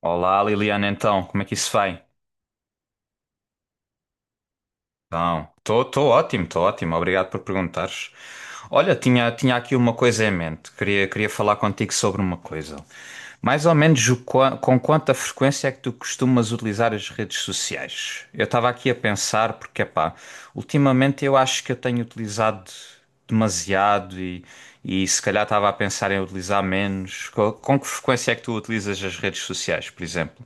Olá, Liliana, então, como é que isso vai? Então, estou ótimo, obrigado por perguntares. Olha, tinha aqui uma coisa em mente, queria falar contigo sobre uma coisa. Mais ou menos com quanta frequência é que tu costumas utilizar as redes sociais? Eu estava aqui a pensar, porque, pá, ultimamente eu acho que eu tenho utilizado demasiado e se calhar estava a pensar em utilizar menos. Com que frequência é que tu utilizas as redes sociais, por exemplo?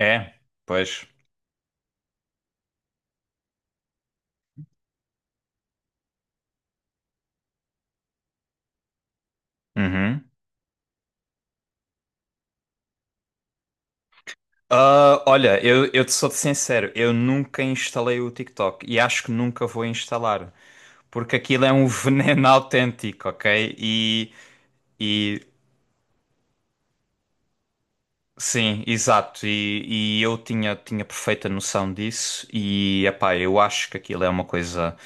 É, pois. Uhum. Ah, olha, eu te sou sincero, eu nunca instalei o TikTok e acho que nunca vou instalar, porque aquilo é um veneno autêntico, ok? E sim, exato, e eu tinha perfeita noção disso e, epá, eu acho que aquilo é uma coisa,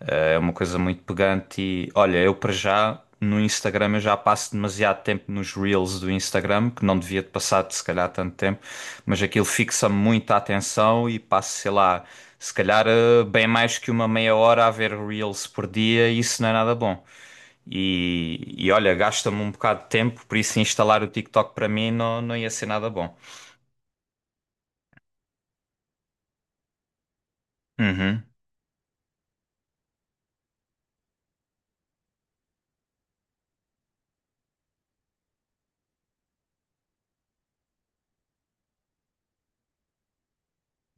é uma coisa muito pegante e, olha, eu para já no Instagram eu já passo demasiado tempo nos Reels do Instagram, que não devia de passar se calhar tanto tempo. Mas aquilo fixa-me muito a atenção e passo, sei lá, se calhar bem mais que uma meia hora a ver Reels por dia e isso não é nada bom. E olha, gasta-me um bocado de tempo, por isso instalar o TikTok para mim não, não ia ser nada bom. Uhum,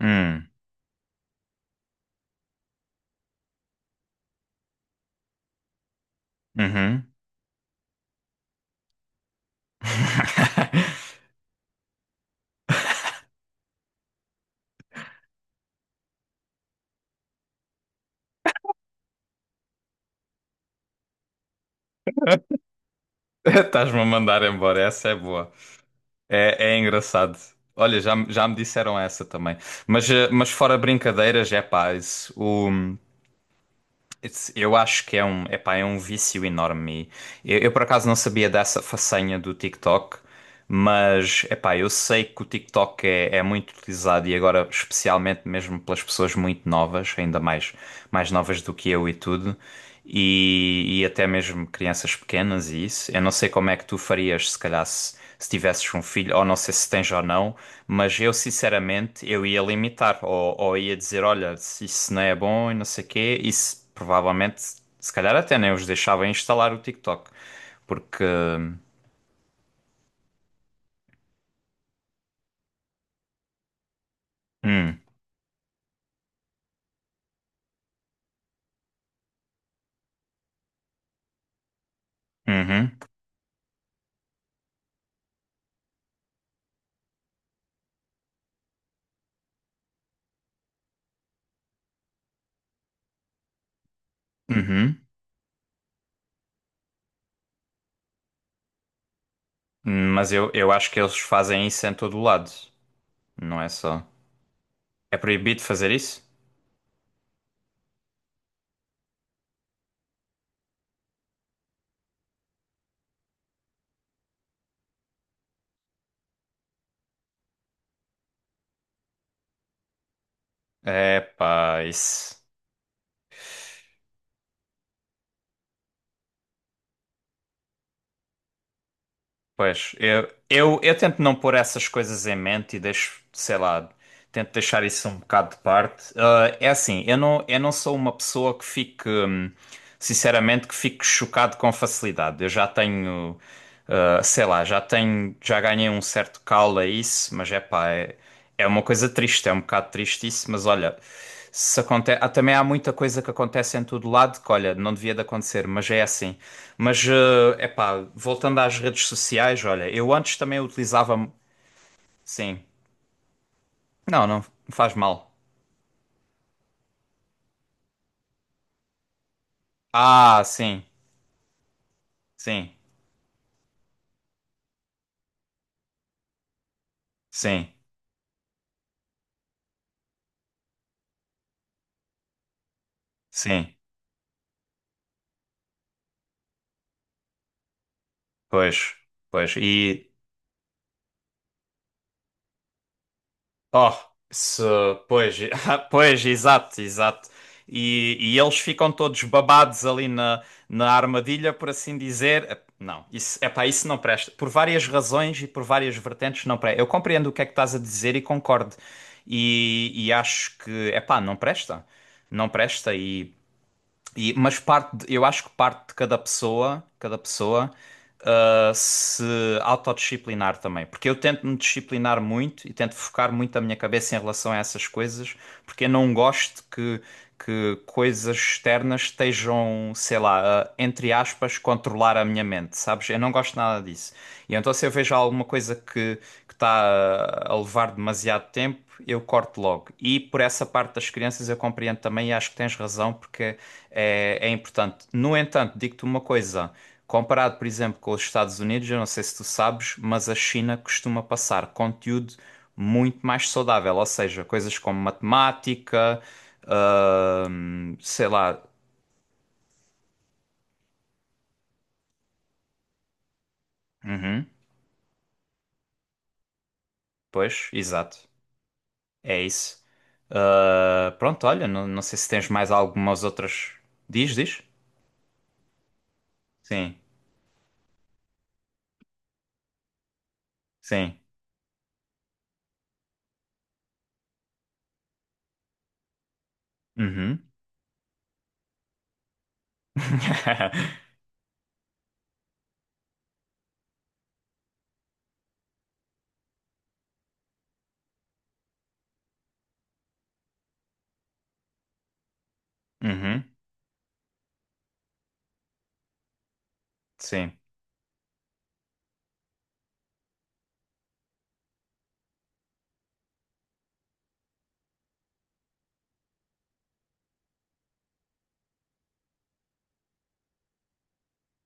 hum, uhum. Estás-me a mandar embora, essa é boa. É, é engraçado. Olha, já, já me disseram essa também. Mas, mas fora brincadeiras, é pá, isso, Eu acho que é um, epá, é um vício enorme. Eu, por acaso não sabia dessa façanha do TikTok, mas, epá, eu sei que o TikTok é, é muito utilizado e agora especialmente mesmo pelas pessoas muito novas, ainda mais, mais novas do que eu e tudo, e até mesmo crianças pequenas e isso. Eu não sei como é que tu farias se calhar se, se tivesses um filho, ou não sei se tens ou não, mas eu sinceramente eu ia limitar, ou ia dizer, olha, se isso não é bom e não sei quê, isso provavelmente, se calhar até nem os deixava instalar o TikTok, porque... Hum, uhum. Uhum. Mas eu acho que eles fazem isso em todo o lado, não é só. É proibido fazer isso? É pá, isso. Pois, eu tento não pôr essas coisas em mente e deixo, sei lá, tento deixar isso um bocado de parte. Ah, é assim, eu não sou uma pessoa que fique, sinceramente, que fique chocado com facilidade. Eu já tenho, ah, sei lá, já tenho, já ganhei um certo calo a isso, mas é pá, é. É uma coisa triste, é um bocado triste isso, mas olha, se aconte... ah, também há muita coisa que acontece em todo lado que, olha, não devia de acontecer, mas é assim. Mas, é epá, voltando às redes sociais, olha, eu antes também utilizava. Sim. Não, não faz mal. Ah, sim, sim, sim, sim, pois, pois. E oh, se, pois, pois, exato, exato. E eles ficam todos babados ali na, na armadilha, por assim dizer. Não, isso, epá, isso não presta. Por várias razões e por várias vertentes não presta. Eu compreendo o que é que estás a dizer e concordo. E acho que, epá, não presta. Não presta e mas parte, eu acho que parte de cada pessoa, ah, se autodisciplinar também. Porque eu tento me disciplinar muito e tento focar muito a minha cabeça em relação a essas coisas, porque eu não gosto que coisas externas estejam, sei lá, a, entre aspas, controlar a minha mente, sabes? Eu não gosto nada disso. E então se eu vejo alguma coisa que está a levar demasiado tempo, eu corto logo. E por essa parte das crianças eu compreendo também e acho que tens razão porque é, é importante. No entanto, digo-te uma coisa. Comparado, por exemplo, com os Estados Unidos, eu não sei se tu sabes, mas a China costuma passar conteúdo muito mais saudável, ou seja, coisas como matemática, sei lá. Uhum, pois, exato. É isso. Ah, pronto, olha, não, não sei se tens mais algumas outras. Diz, diz. Sim, sim. Uhum. Uhum. Sim,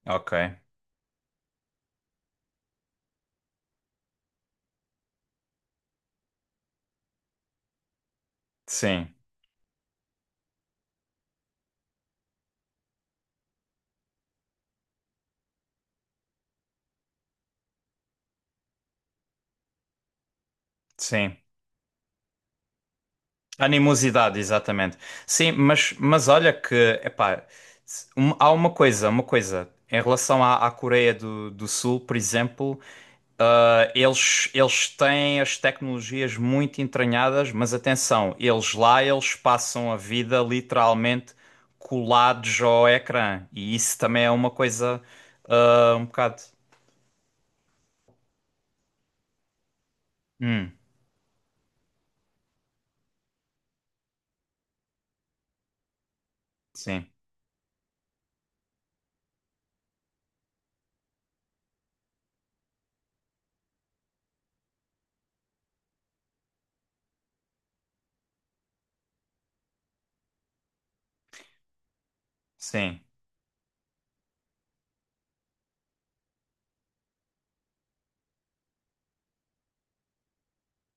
ok. Sim, sim. Animosidade, exatamente. Sim, mas olha que, epá, há uma coisa, uma coisa. Em relação à, à Coreia do, do Sul, por exemplo, ah, eles têm as tecnologias muito entranhadas, mas atenção, eles lá, eles passam a vida literalmente colados ao ecrã. E isso também é uma coisa, ah, um bocado. Hum, sim, sim,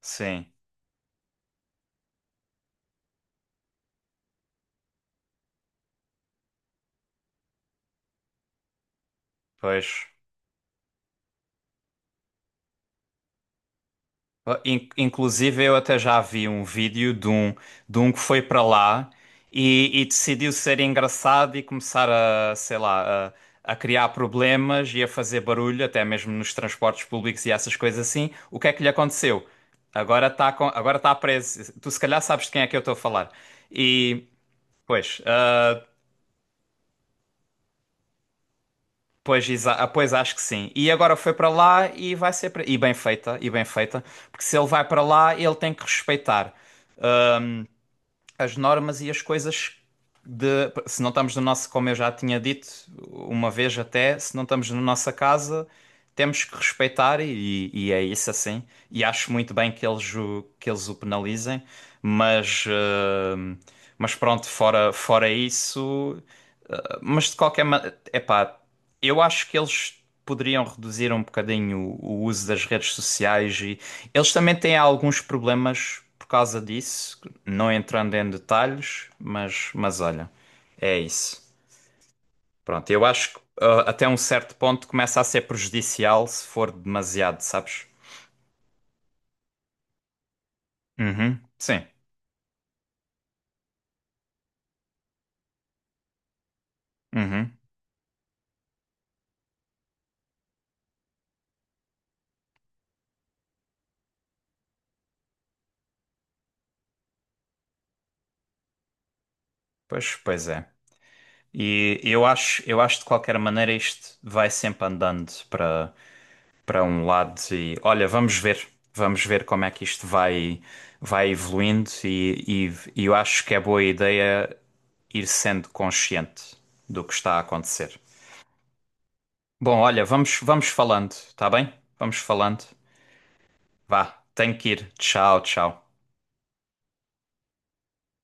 sim, pois. Ah, Inclusive, eu até já vi um vídeo de um que foi para lá e decidiu ser engraçado e começar a, sei lá, a criar problemas e a fazer barulho, até mesmo nos transportes públicos e essas coisas assim. O que é que lhe aconteceu? Agora está agora tá preso. Tu, se calhar, sabes de quem é que eu estou a falar. E, pois, pois, pois acho que sim. E agora foi para lá e vai ser. E bem feita, e bem feita. Porque se ele vai para lá, ele tem que respeitar as normas e as coisas de. Se não estamos no nosso, como eu já tinha dito uma vez até, se não estamos na nossa casa, temos que respeitar e é isso assim. E acho muito bem que eles o penalizem, mas, mas pronto, fora, fora isso. Mas de qualquer maneira, epá, eu acho que eles. Poderiam reduzir um bocadinho o uso das redes sociais e eles também têm alguns problemas por causa disso não entrando em detalhes, mas olha, é isso. Pronto, eu acho que ah, até um certo ponto começa a ser prejudicial se for demasiado, sabes? Uhum, sim. Uhum. Pois, pois é. E eu acho de qualquer maneira isto vai sempre andando para para um lado e olha, vamos ver como é que isto vai vai evoluindo e eu acho que é boa ideia ir sendo consciente do que está a acontecer. Bom, olha, vamos, vamos falando, tá bem? Vamos falando. Vá, tenho que ir. Tchau, tchau.